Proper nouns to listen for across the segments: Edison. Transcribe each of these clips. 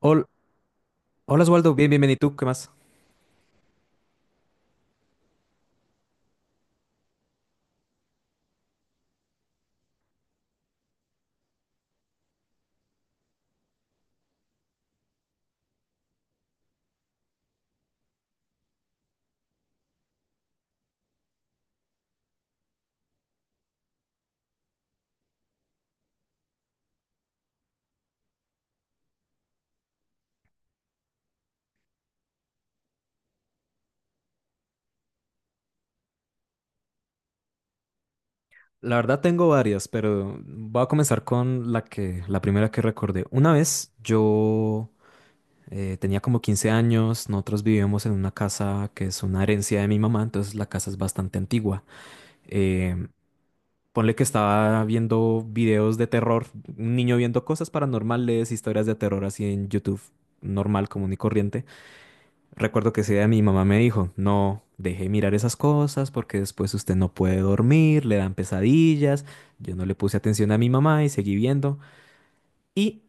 Hol- Hola Oswaldo, bien, bienvenido. ¿Y tú qué más? La verdad tengo varias, pero voy a comenzar con la primera que recordé. Una vez yo tenía como 15 años. Nosotros vivíamos en una casa que es una herencia de mi mamá, entonces la casa es bastante antigua. Eh, Ponle que estaba viendo videos de terror, un niño viendo cosas paranormales, historias de terror así en YouTube, normal, común y corriente. Recuerdo que ese día mi mamá me dijo, no deje de mirar esas cosas porque después usted no puede dormir, le dan pesadillas. Yo no le puse atención a mi mamá y seguí viendo. Y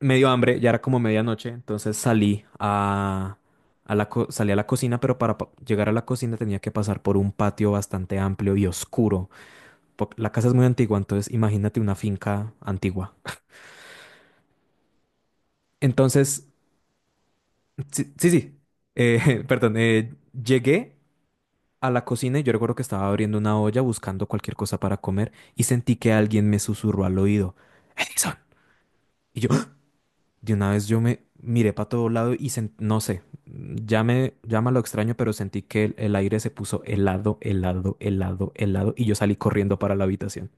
me dio hambre, ya era como medianoche, entonces salí a la cocina, pero para llegar a la cocina tenía que pasar por un patio bastante amplio y oscuro. La casa es muy antigua, entonces imagínate una finca antigua. Entonces, sí, sí, sí. Perdón, llegué a la cocina y yo recuerdo que estaba abriendo una olla buscando cualquier cosa para comer y sentí que alguien me susurró al oído, Edison. Y yo, ¡Ah! De una vez yo me miré para todo lado y no sé, ya me llama lo extraño, pero sentí que el aire se puso helado, helado, helado, helado y yo salí corriendo para la habitación.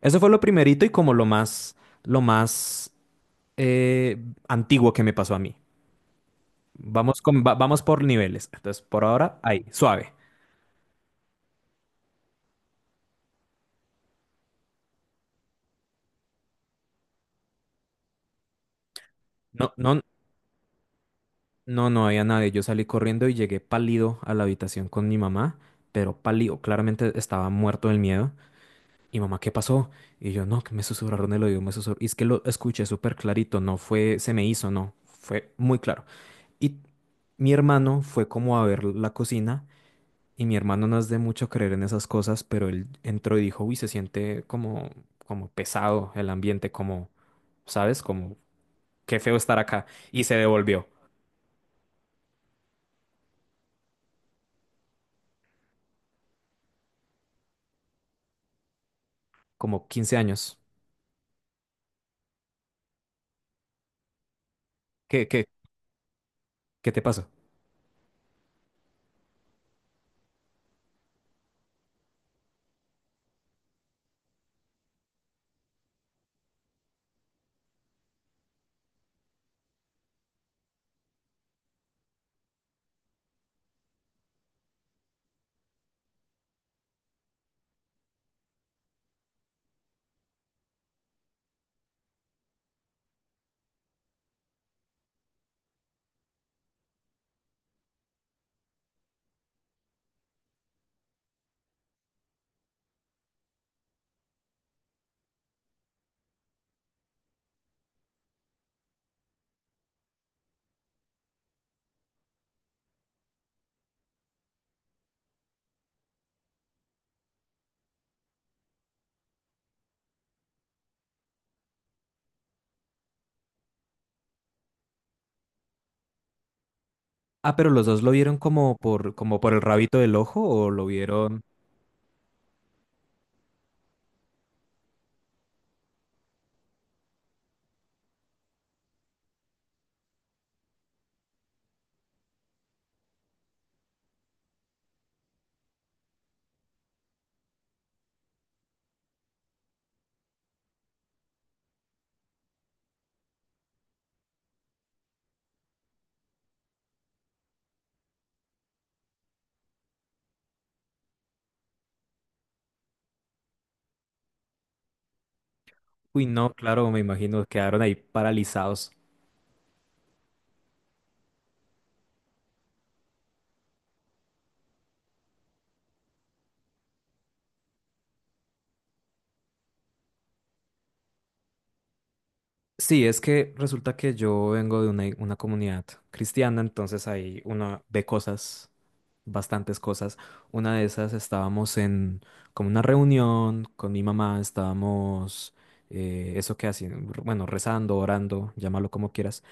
Eso fue lo primerito y como lo más eh, antiguo que me pasó a mí. Vamos por niveles. Entonces, por ahora, ahí, suave. No, no. No, no había nadie. Yo salí corriendo y llegué pálido a la habitación con mi mamá, pero pálido, claramente estaba muerto del miedo. Y mamá, ¿qué pasó? Y yo, no, que me susurraron el oído, me susurraron. Y es que lo escuché súper clarito, no fue, se me hizo, no, fue muy claro. Y mi hermano fue como a ver la cocina, y mi hermano no es de mucho creer en esas cosas, pero él entró y dijo, uy, se siente como, como pesado el ambiente, como, ¿sabes? Como, qué feo estar acá. Y se devolvió, como 15 años. qué? qué, ¿Qué te pasó? Ah, pero los dos lo vieron como por, como por el rabito del ojo o lo vieron... Uy, no, claro, me imagino, quedaron ahí paralizados. Sí, es que resulta que yo vengo de una comunidad cristiana, entonces ahí uno ve cosas, bastantes cosas. Una de esas estábamos en como una reunión con mi mamá, estábamos, eso que hacen, bueno, rezando, orando, llámalo como quieras.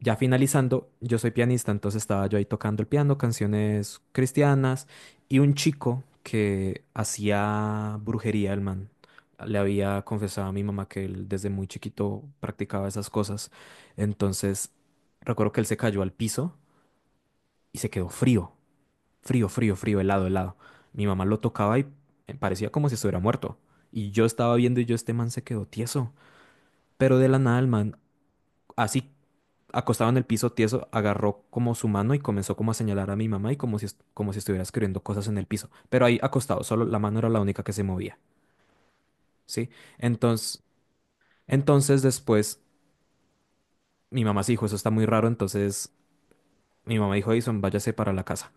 Ya finalizando, yo soy pianista, entonces estaba yo ahí tocando el piano, canciones cristianas, y un chico que hacía brujería, el man. Le había confesado a mi mamá que él desde muy chiquito practicaba esas cosas. Entonces, recuerdo que él se cayó al piso y se quedó frío, frío, frío, frío, helado, helado. Mi mamá lo tocaba y parecía como si estuviera muerto. Y yo estaba viendo y yo, este man se quedó tieso. Pero de la nada, el man, así acostado en el piso tieso, agarró como su mano y comenzó como a señalar a mi mamá y como como si estuviera escribiendo cosas en el piso. Pero ahí acostado, solo la mano era la única que se movía, ¿sí? Entonces, entonces después mi mamá se dijo, eso está muy raro, entonces mi mamá dijo, Edison, váyase para la casa.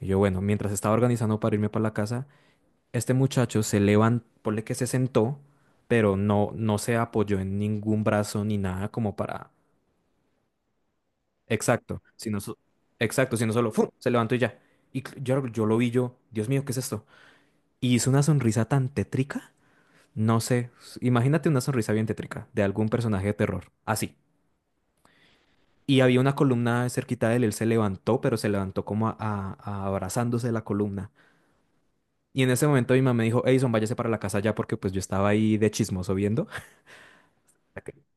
Y yo, bueno, mientras estaba organizando para irme para la casa, este muchacho se levantó, ponle que se sentó, pero no, no se apoyó en ningún brazo ni nada como para Exacto, si no, so- exacto, si no solo ¡fum! Se levantó y ya. Y yo lo vi yo, Dios mío, ¿qué es esto? Y hizo una sonrisa tan tétrica, no sé, imagínate una sonrisa bien tétrica de algún personaje de terror, así. Y había una columna cerquita de él, él se levantó, pero se levantó como a abrazándose de la columna. Y en ese momento mi mamá me dijo, Edison, váyase para la casa ya porque pues yo estaba ahí de chismoso viendo.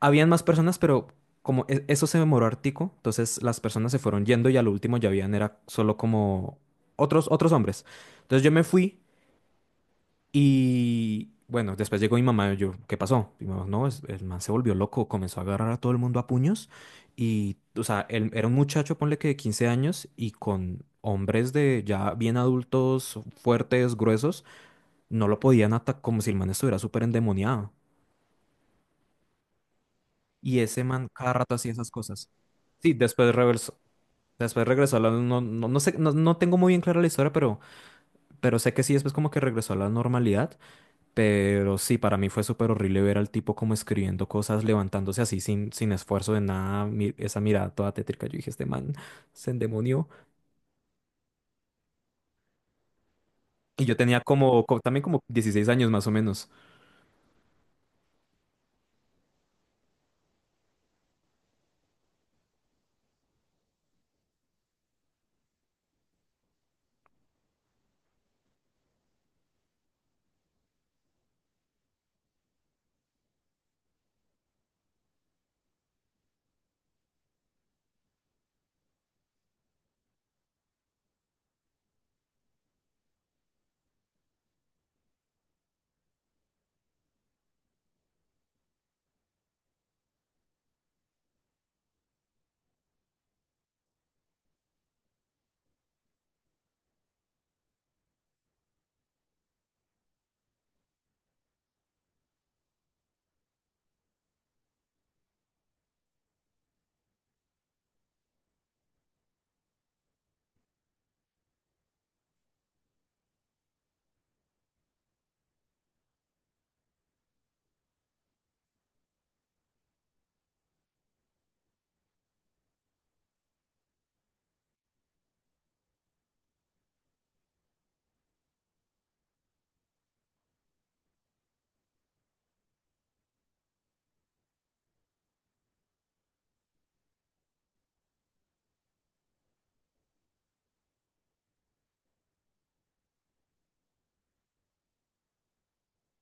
Habían más personas, pero como eso se demoró hartico, entonces las personas se fueron yendo y al último ya habían era solo como otros hombres. Entonces yo me fui y bueno, después llegó mi mamá, yo, ¿qué pasó? Y mi mamá, no, el man se volvió loco, comenzó a agarrar a todo el mundo a puños y, o sea, él era un muchacho, ponle que de 15 años y con hombres de ya bien adultos, fuertes, gruesos, no lo podían atacar como si el man estuviera súper endemoniado. Y ese man cada rato hacía esas cosas. Sí, después regresó. Después regresó a la... No, no, no sé, no, no tengo muy bien clara la historia, pero sé que sí, después como que regresó a la normalidad. Pero sí, para mí fue súper horrible ver al tipo como escribiendo cosas, levantándose así sin esfuerzo de nada. Esa mirada toda tétrica. Yo dije, este man se endemonió. Y yo tenía también como 16 años más o menos.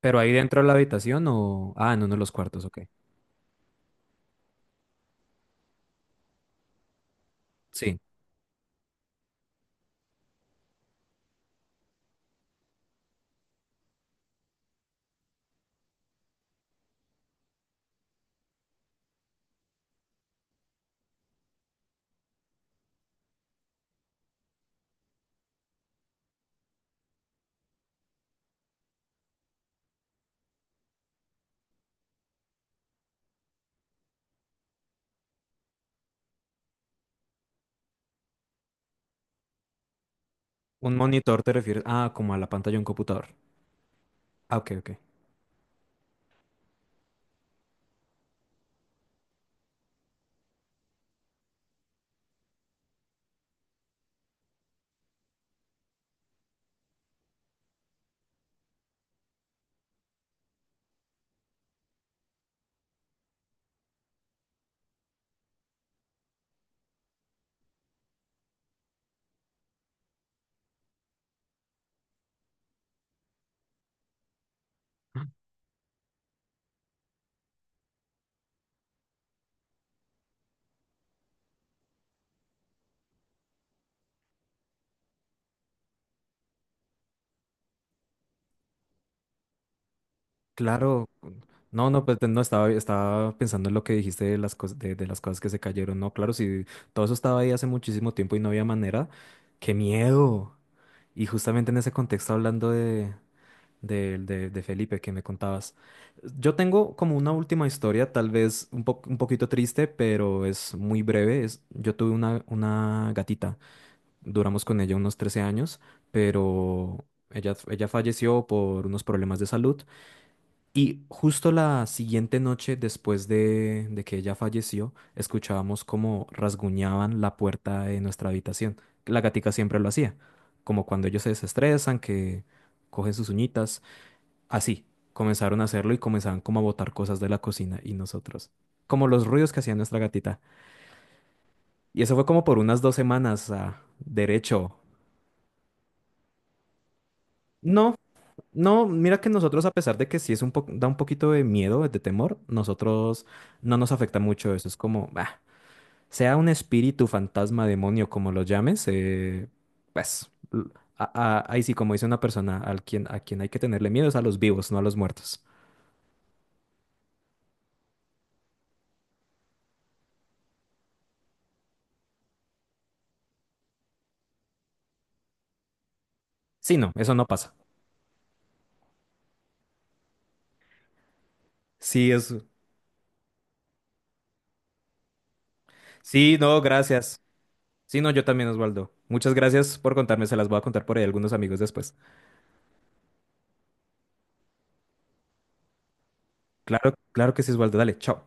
Pero ahí dentro de la habitación o... Ah, en uno de los cuartos, ok. Sí. Un monitor te refieres... Ah, como a la pantalla de un computador. Ah, ok, ok. Claro, no, no, pues no estaba, estaba pensando en lo que dijiste de las cosas que se cayeron. No, claro, si todo eso estaba ahí hace muchísimo tiempo y no había manera, qué miedo. Y justamente en ese contexto, hablando de, de Felipe que me contabas, yo tengo como una última historia, tal vez un poquito triste, pero es muy breve. Es, yo tuve una gatita, duramos con ella unos 13 años, pero ella falleció por unos problemas de salud. Y justo la siguiente noche, después de que ella falleció, escuchábamos como rasguñaban la puerta de nuestra habitación. La gatica siempre lo hacía, como cuando ellos se desestresan, que cogen sus uñitas. Así, comenzaron a hacerlo y comenzaban como a botar cosas de la cocina y nosotros. Como los ruidos que hacía nuestra gatita. Y eso fue como por unas 2 semanas, ah, derecho. No, no, mira que nosotros, a pesar de que sí es da un poquito de miedo, de temor, nosotros no nos afecta mucho eso. Es como, bah, sea un espíritu, fantasma, demonio, como lo llames, pues a- ahí sí, como dice una persona, a quien hay que tenerle miedo es a los vivos, no a los muertos. Sí, no, eso no pasa. Sí, es. Sí, no, gracias. Sí, no, yo también, Osvaldo. Muchas gracias por contarme, se las voy a contar por ahí a algunos amigos después. Claro, claro que sí, Osvaldo. Dale, chao.